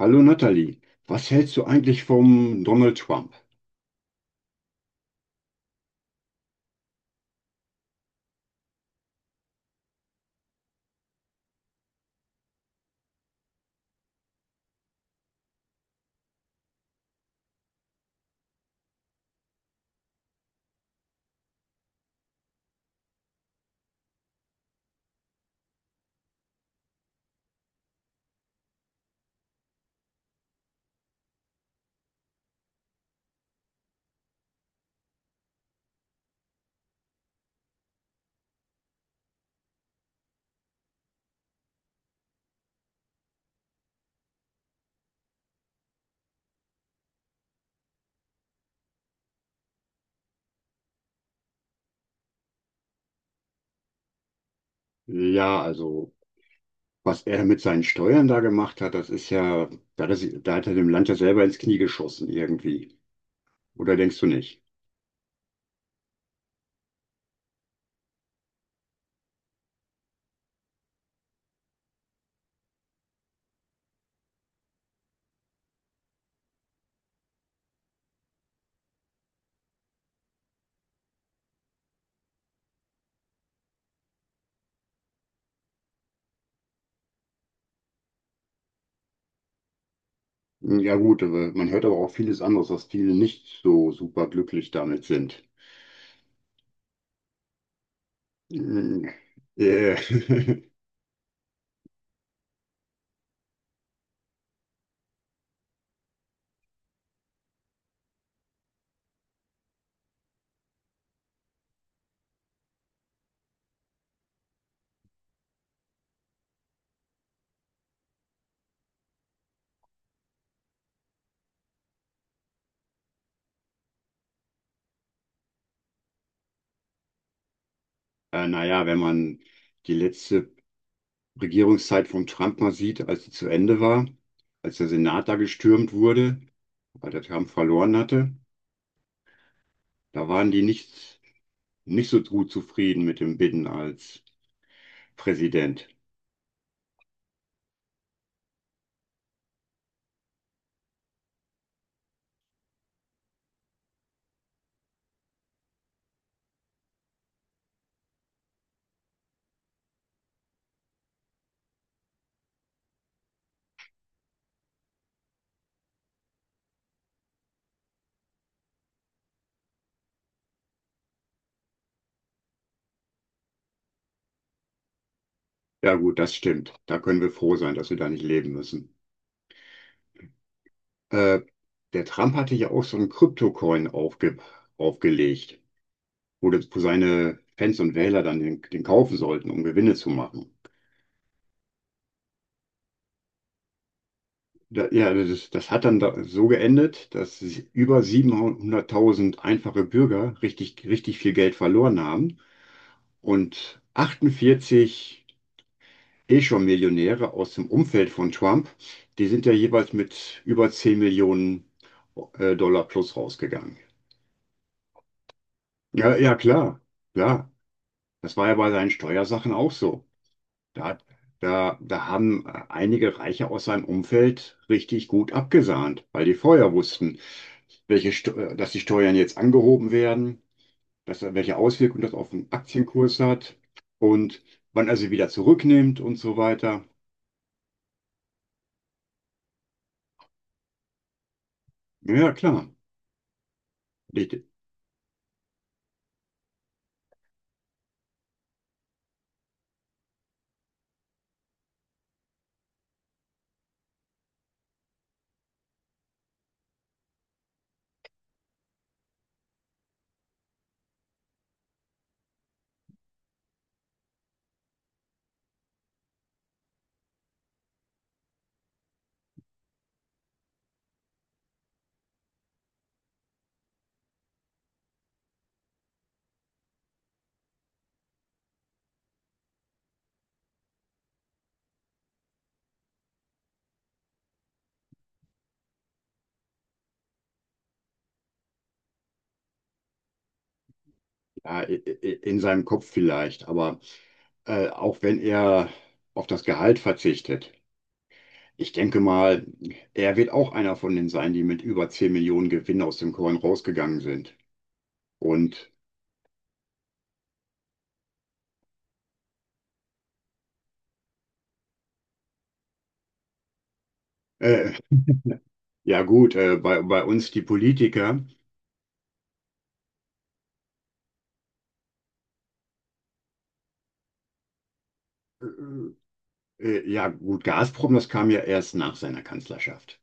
Hallo Nathalie, was hältst du eigentlich vom Donald Trump? Ja, also was er mit seinen Steuern da gemacht hat, das ist ja, da hat er, da hat er dem Land ja selber ins Knie geschossen irgendwie. Oder denkst du nicht? Ja gut, aber man hört aber auch vieles anderes, dass viele nicht so super glücklich damit sind. Mm, Äh, naja, wenn man die letzte Regierungszeit von Trump mal sieht, als sie zu Ende war, als der Senat da gestürmt wurde, weil der Trump verloren hatte. Da waren die nicht, nicht so gut zufrieden mit dem Biden als Präsident. Ja gut, das stimmt. Da können wir froh sein, dass wir da nicht leben müssen. Äh, Der Trump hatte ja auch so einen Kryptocoin aufgelegt, wo, wo seine Fans und Wähler dann den kaufen sollten, um Gewinne zu machen. Da, ja, das hat dann da so geendet, dass über 700.000 einfache Bürger richtig, richtig viel Geld verloren haben und 48 eh schon Millionäre aus dem Umfeld von Trump, die sind ja jeweils mit über 10 Millionen Dollar plus rausgegangen. Ja, ja, klar. Das war ja bei seinen Steuersachen auch so. Da, hat- da haben einige Reiche aus seinem Umfeld richtig gut abgesahnt, weil die vorher wussten, dass die Steuern jetzt angehoben werden, welche Auswirkungen das auf den Aktienkurs hat und wann er sie wieder zurücknimmt und so weiter. Ja, ja, klar. Ich, Ja, in seinem Kopf vielleicht, aber auch wenn er auf das Gehalt verzichtet. Ich denke mal, er wird auch einer von denen sein, die mit über 10 Millionen Gewinn aus dem Korn rausgegangen sind. Und äh, ja gut, bei uns die Politiker, äh, ja gut, Gazprom, das kam ja erst nach seiner Kanzlerschaft.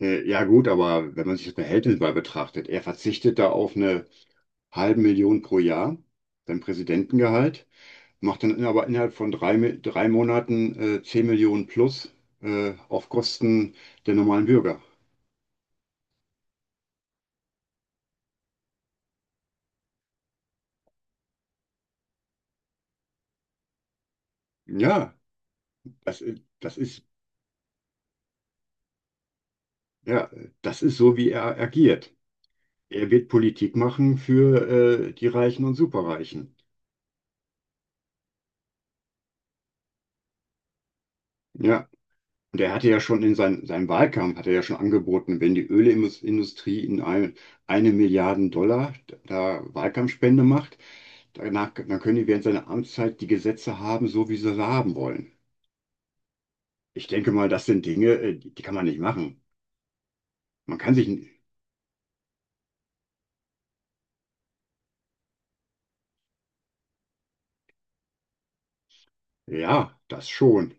Ja gut, aber wenn man sich das Verhältnis mal betrachtet, er verzichtet da auf eine halbe Million pro Jahr, sein Präsidentengehalt. Macht dann aber innerhalb von drei Monaten 10 Millionen plus auf Kosten der normalen Bürger. Ja, das ist, ja, das ist so, wie er agiert. Er wird Politik machen für die Reichen und Superreichen. Ja, und er hatte ja schon seinem Wahlkampf, hat er ja schon angeboten, wenn die Ölindustrie 1 Milliarde Dollar da Wahlkampfspende macht, danach, dann können die während seiner Amtszeit die Gesetze haben, so wie sie sie haben wollen. Ich denke mal, das sind Dinge, die kann man nicht machen. Man kann ja, das schon.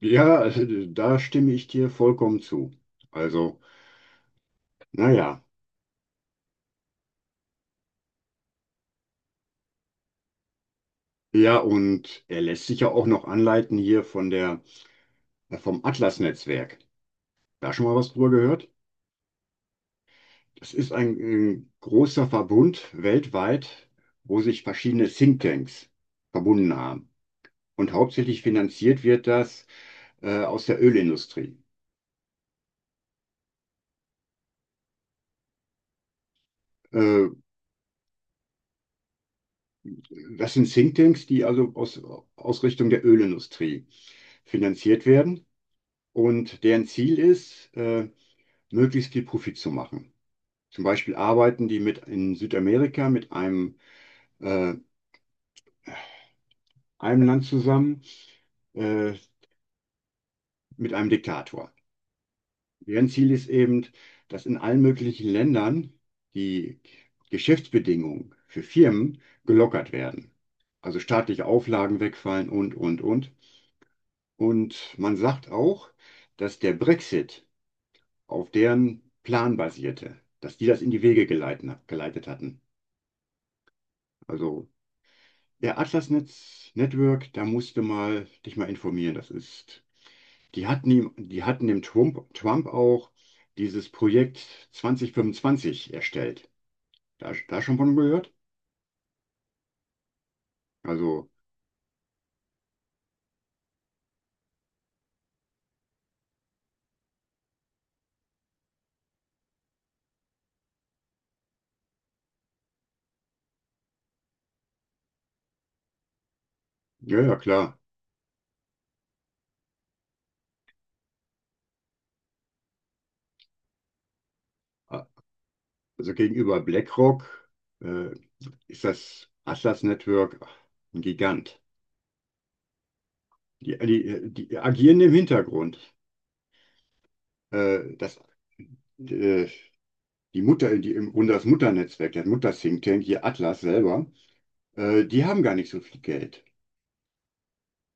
Ja, da stimme ich dir vollkommen zu. Also, naja. Ja, Ja, und er lässt sich ja auch noch anleiten hier von vom Atlas-Netzwerk. Da schon mal was drüber gehört? Das ist ein, großer Verbund weltweit, wo sich verschiedene Thinktanks verbunden haben. Und hauptsächlich finanziert wird das, aus der Ölindustrie. Äh, Das sind Thinktanks, aus Richtung der Ölindustrie finanziert werden und deren Ziel ist, möglichst viel Profit zu machen. Zum Beispiel arbeiten die mit in Südamerika mit äh, einem Land zusammen, äh, mit einem Diktator. Deren Ziel ist eben, dass in allen möglichen Ländern die Geschäftsbedingungen für Firmen gelockert werden. Also staatliche Auflagen wegfallen und. Und man sagt auch, dass der Brexit auf deren Plan basierte, dass die das in die geleitet hatten. Also der Atlas Netz Network, da musst du mal dich mal informieren. Das ist, die hatten Trump auch dieses Projekt 2025 erstellt. Da, da schon von gehört? Also, ja, ja, klar. Also gegenüber BlackRock äh, ist das Atlas Network ein Gigant. Die agieren im Hintergrund. Äh, das, äh, Die Mutter, im Grunde das Mutternetzwerk, der Mutter-Think Tank, hier Atlas selber, die haben gar nicht so viel Geld.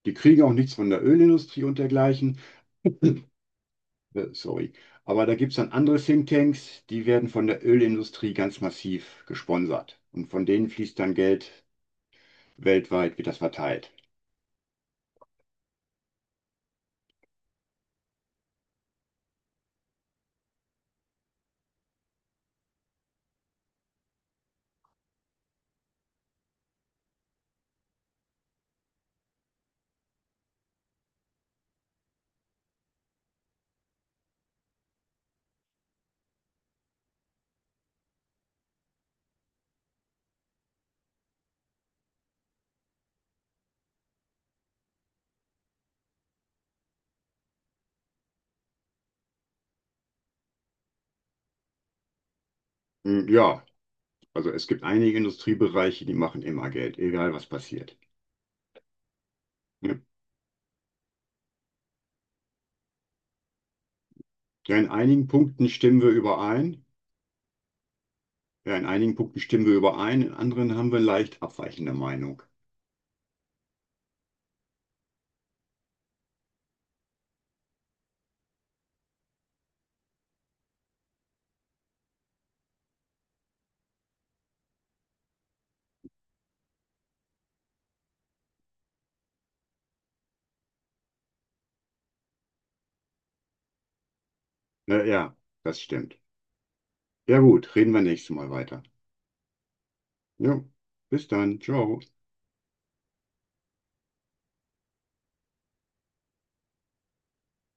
Die kriegen auch nichts von der Ölindustrie und dergleichen. Sorry. Aber da gibt es dann andere Think Tanks, die werden von der Ölindustrie ganz massiv gesponsert. Und von denen fließt dann Geld weltweit, wird das verteilt. Ja, also es gibt einige Industriebereiche, die machen immer Geld, egal was passiert. Ja, ja, in einigen Punkten stimmen wir überein. Ja, in einigen Punkten stimmen wir überein, in anderen haben wir leicht abweichende Meinung. Ja, ja, das stimmt. Ja gut, reden wir nächstes Mal weiter. Ja, bis dann. Ciao.